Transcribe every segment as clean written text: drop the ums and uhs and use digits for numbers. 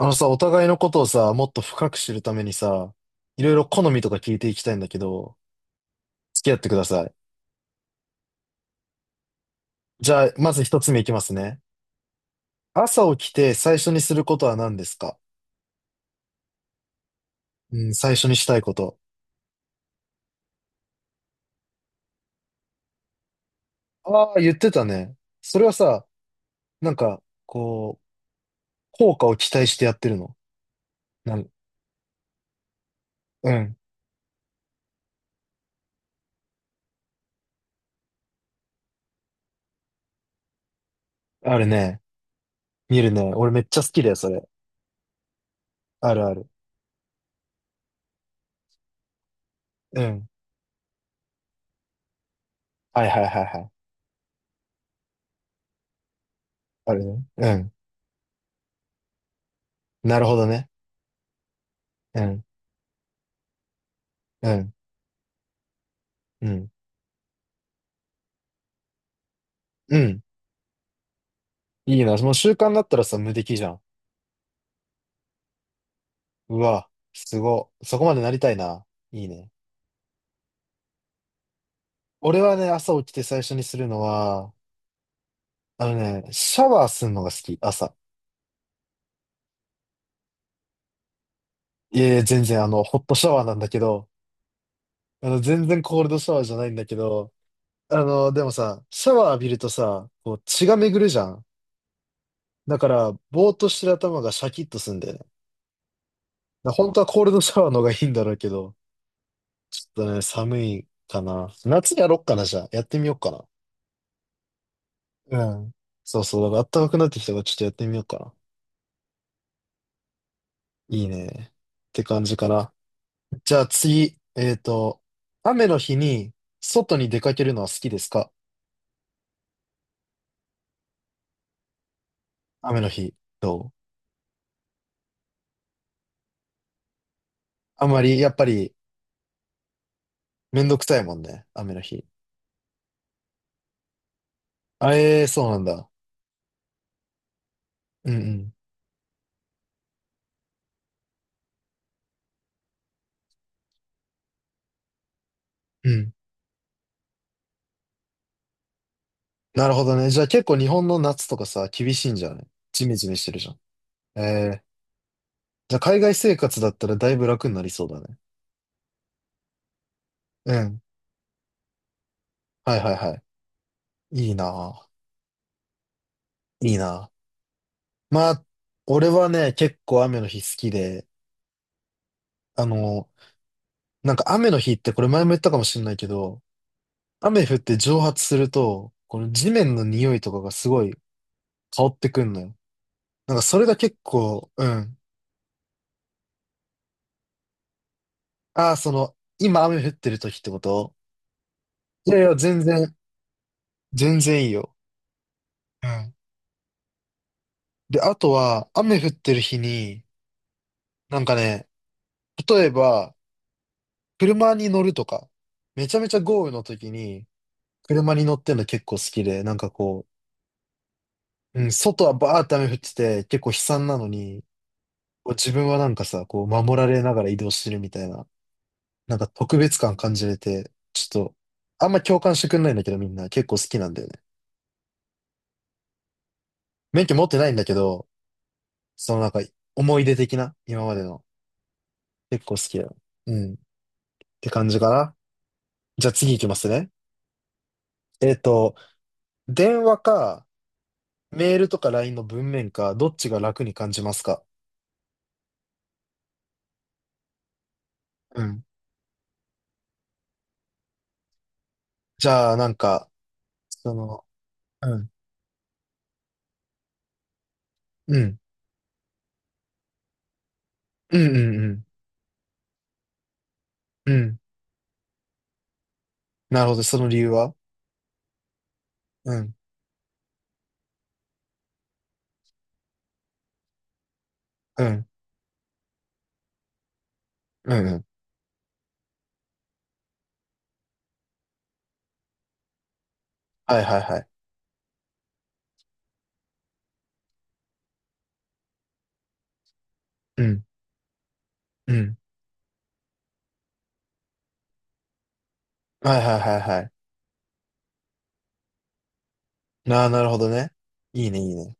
あのさ、お互いのことをさ、もっと深く知るためにさ、いろいろ好みとか聞いていきたいんだけど、付き合ってください。じゃあ、まず一つ目いきますね。朝起きて最初にすることは何ですか？うん、最初にしたいこと。ああ、言ってたね。それはさ、なんか、こう、効果を期待してやってるの？なん、うん。あるね。見るね。俺めっちゃ好きだよ、それ。あるある。うん。はいはいはいはい。あるね。うん。なるほどね。うん。うん。うん。うん。いいな。もう習慣になったらさ、無敵じゃん。うわ、すご。そこまでなりたいな。いいね。俺はね、朝起きて最初にするのは、あのね、シャワーするのが好き、朝。いやいや、全然、あの、ホットシャワーなんだけど、あの、全然コールドシャワーじゃないんだけど、あの、でもさ、シャワー浴びるとさ、こう、血が巡るじゃん。だから、ぼーっとしてる頭がシャキッとすんだよね。だから本当はコールドシャワーの方がいいんだろうけど、ちょっとね、寒いかな。夏やろっかな、じゃあ。やってみようかな。うん。そうそう。だから暖かくなってきたからちょっとやってみようかな。いいね。って感じかな。じゃあ次、雨の日に外に出かけるのは好きですか？雨の日、どう？あんまり、やっぱり、めんどくさいもんね。雨の日。あ、ええそうなんだ。うんうん。うん。なるほどね。じゃあ結構日本の夏とかさ、厳しいんじゃない？ジメジメしてるじゃん。ええ、じゃあ海外生活だったらだいぶ楽になりそうだね。うん。はいはいはい。いいなぁ。いいなぁ。まあ、俺はね、結構雨の日好きで、あの、なんか雨の日ってこれ前も言ったかもしれないけど、雨降って蒸発すると、この地面の匂いとかがすごい香ってくんのよ。なんかそれが結構、うん。ああ、その、今雨降ってる時ってこと？いやいや、全然、全然いいよ。うん。で、あとは、雨降ってる日に、なんかね、例えば、車に乗るとか、めちゃめちゃ豪雨の時に、車に乗ってんの結構好きで、なんかこう、うん、外はバーって雨降ってて、結構悲惨なのに、こう自分はなんかさ、こう守られながら移動してるみたいな、なんか特別感感じれて、ちょっと、あんま共感してくんないんだけどみんな結構好きなんだよね。免許持ってないんだけど、そのなんか思い出的な、今までの。結構好きだよ。うん。って感じかな。じゃあ次行きますね。えっと、電話か、メールとか LINE の文面か、どっちが楽に感じますか？うん。じゃあなんか、その、うん。うん。うんうんうん。うん、なるほど、その理由は？うん、うん、うん、うん。はいはいはい。うん、うん。はいはいはいはい。なあ、なるほどね。いいね、いいね。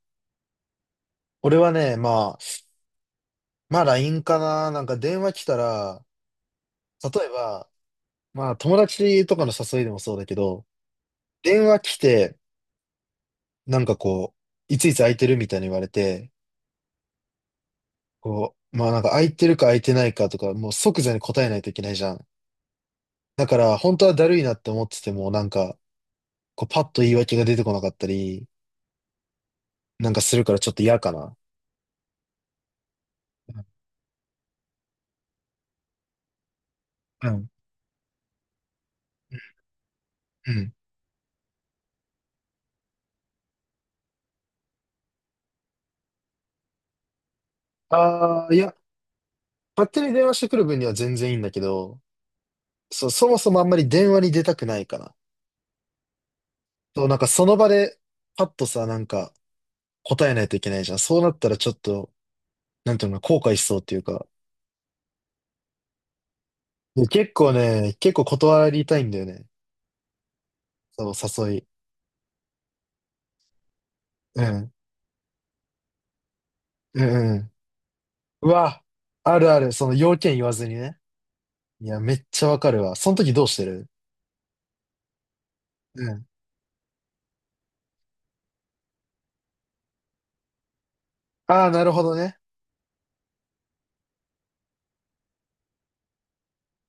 俺はね、まあ、まあ LINE かな。なんか電話来たら、例えば、まあ友達とかの誘いでもそうだけど、電話来て、なんかこう、いついつ空いてるみたいに言われて、こう、まあなんか空いてるか空いてないかとか、もう即座に答えないといけないじゃん。だから、本当はだるいなって思ってても、なんか、こうパッと言い訳が出てこなかったり、なんかするからちょっと嫌かな。うん。うん。ああ、いや、勝手に電話してくる分には全然いいんだけど、そう、そもそもあんまり電話に出たくないかな。そう、なんかその場で、パッとさ、なんか答えないといけないじゃん。そうなったらちょっと、なんていうの、後悔しそうっていうか。で結構ね、結構断りたいんだよね。そう、誘い。うん。うんうん。うわ、あるある。その要件言わずにね。いや、めっちゃわかるわ。その時どうしてる？うん。ああ、なるほどね。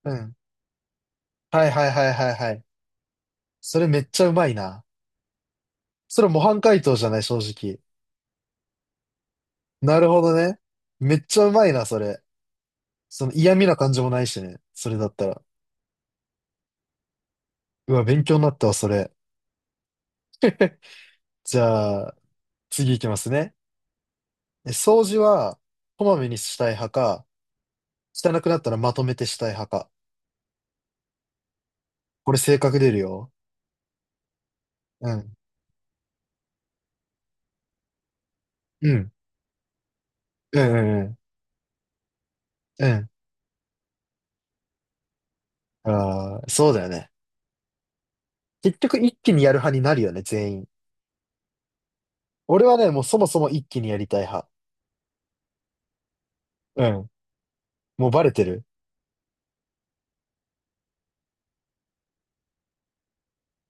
うん。はいはいはいはいはい。それめっちゃうまいな。それ模範解答じゃない、正直。なるほどね。めっちゃうまいな、それ。その嫌味な感じもないしね。それだったら。うわ、勉強になったわ、それ。じゃあ、次いきますね。え、掃除は、こまめにしたい派か、汚くなったらまとめてしたい派か。これ性格出るよ。うん。うん。うんうんうん。うん。ああ、そうだよね。結局一気にやる派になるよね、全員。俺はね、もうそもそも一気にやりたい派。うん。もうバレてる？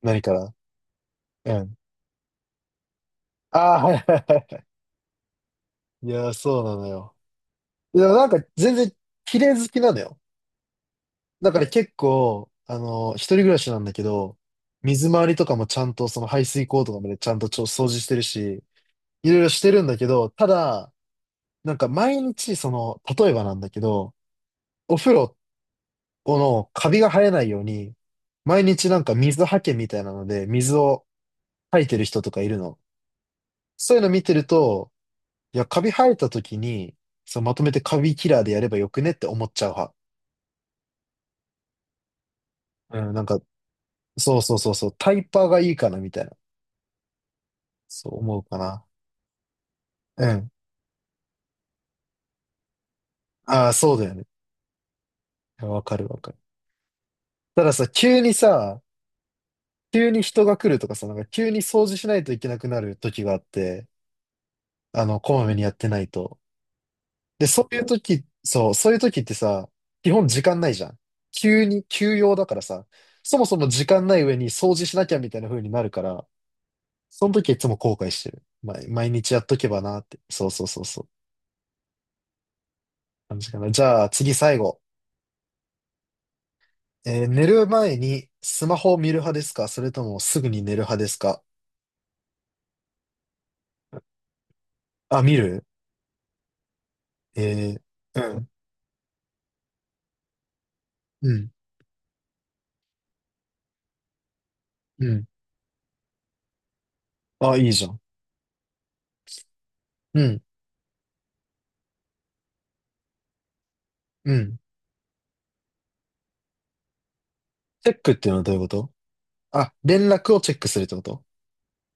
何から。うん、ああ、はいはいはい。いやー、そうなのよ。いや、なんか全然綺麗好きなのよ。だから結構、あの、一人暮らしなんだけど、水回りとかもちゃんとその排水口とかまでちゃんと掃除してるし、いろいろしてるんだけど、ただ、なんか毎日その、例えばなんだけど、お風呂のカビが生えないように、毎日なんか水はけみたいなので、水を吐いてる人とかいるの。そういうの見てると、いや、カビ生えた時に、そう、まとめてカビキラーでやればよくねって思っちゃう派。うん、なんか、そうそうそうそう、タイパーがいいかなみたいな。そう思うかな。うん。ああ、そうだよね。いやわかるわかる。たださ、急にさ、急に人が来るとかさ、なんか急に掃除しないといけなくなる時があって、あの、こまめにやってないと。で、そういう時、そう、そういう時ってさ、基本時間ないじゃん。急に、急用だからさ、そもそも時間ない上に掃除しなきゃみたいな風になるから、その時はいつも後悔してる。毎毎日やっとけばなって。そうそうそうそう。感じかな。じゃあ次最後。えー、寝る前にスマホを見る派ですか、それともすぐに寝る派ですか？あ、見る？えー、うん、うん、うん。あ、いいじゃん。うん、うん。チェックっていうのはどういうこと？あ、連絡をチェックするってこと？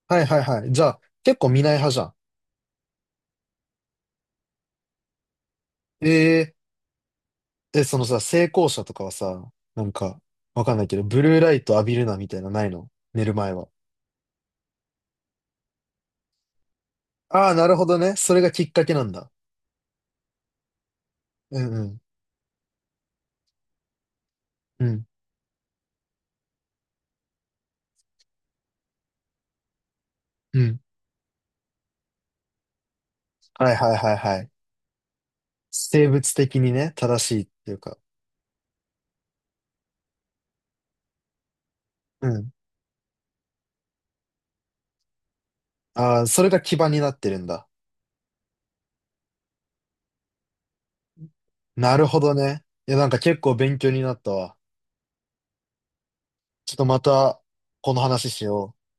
はいはいはい。じゃあ結構見ない派じゃん。えー、え、そのさ、成功者とかはさ、なんか、わかんないけど、ブルーライト浴びるなみたいなのないの？寝る前は。ああ、なるほどね。それがきっかけなんだ。うんうん。うん。うん。はいはいはいはい。生物的にね、正しいっていうか。うん。ああ、それが基盤になってるんだ。なるほどね。いや、なんか結構勉強になったわ。ちょっとまた、この話しよう。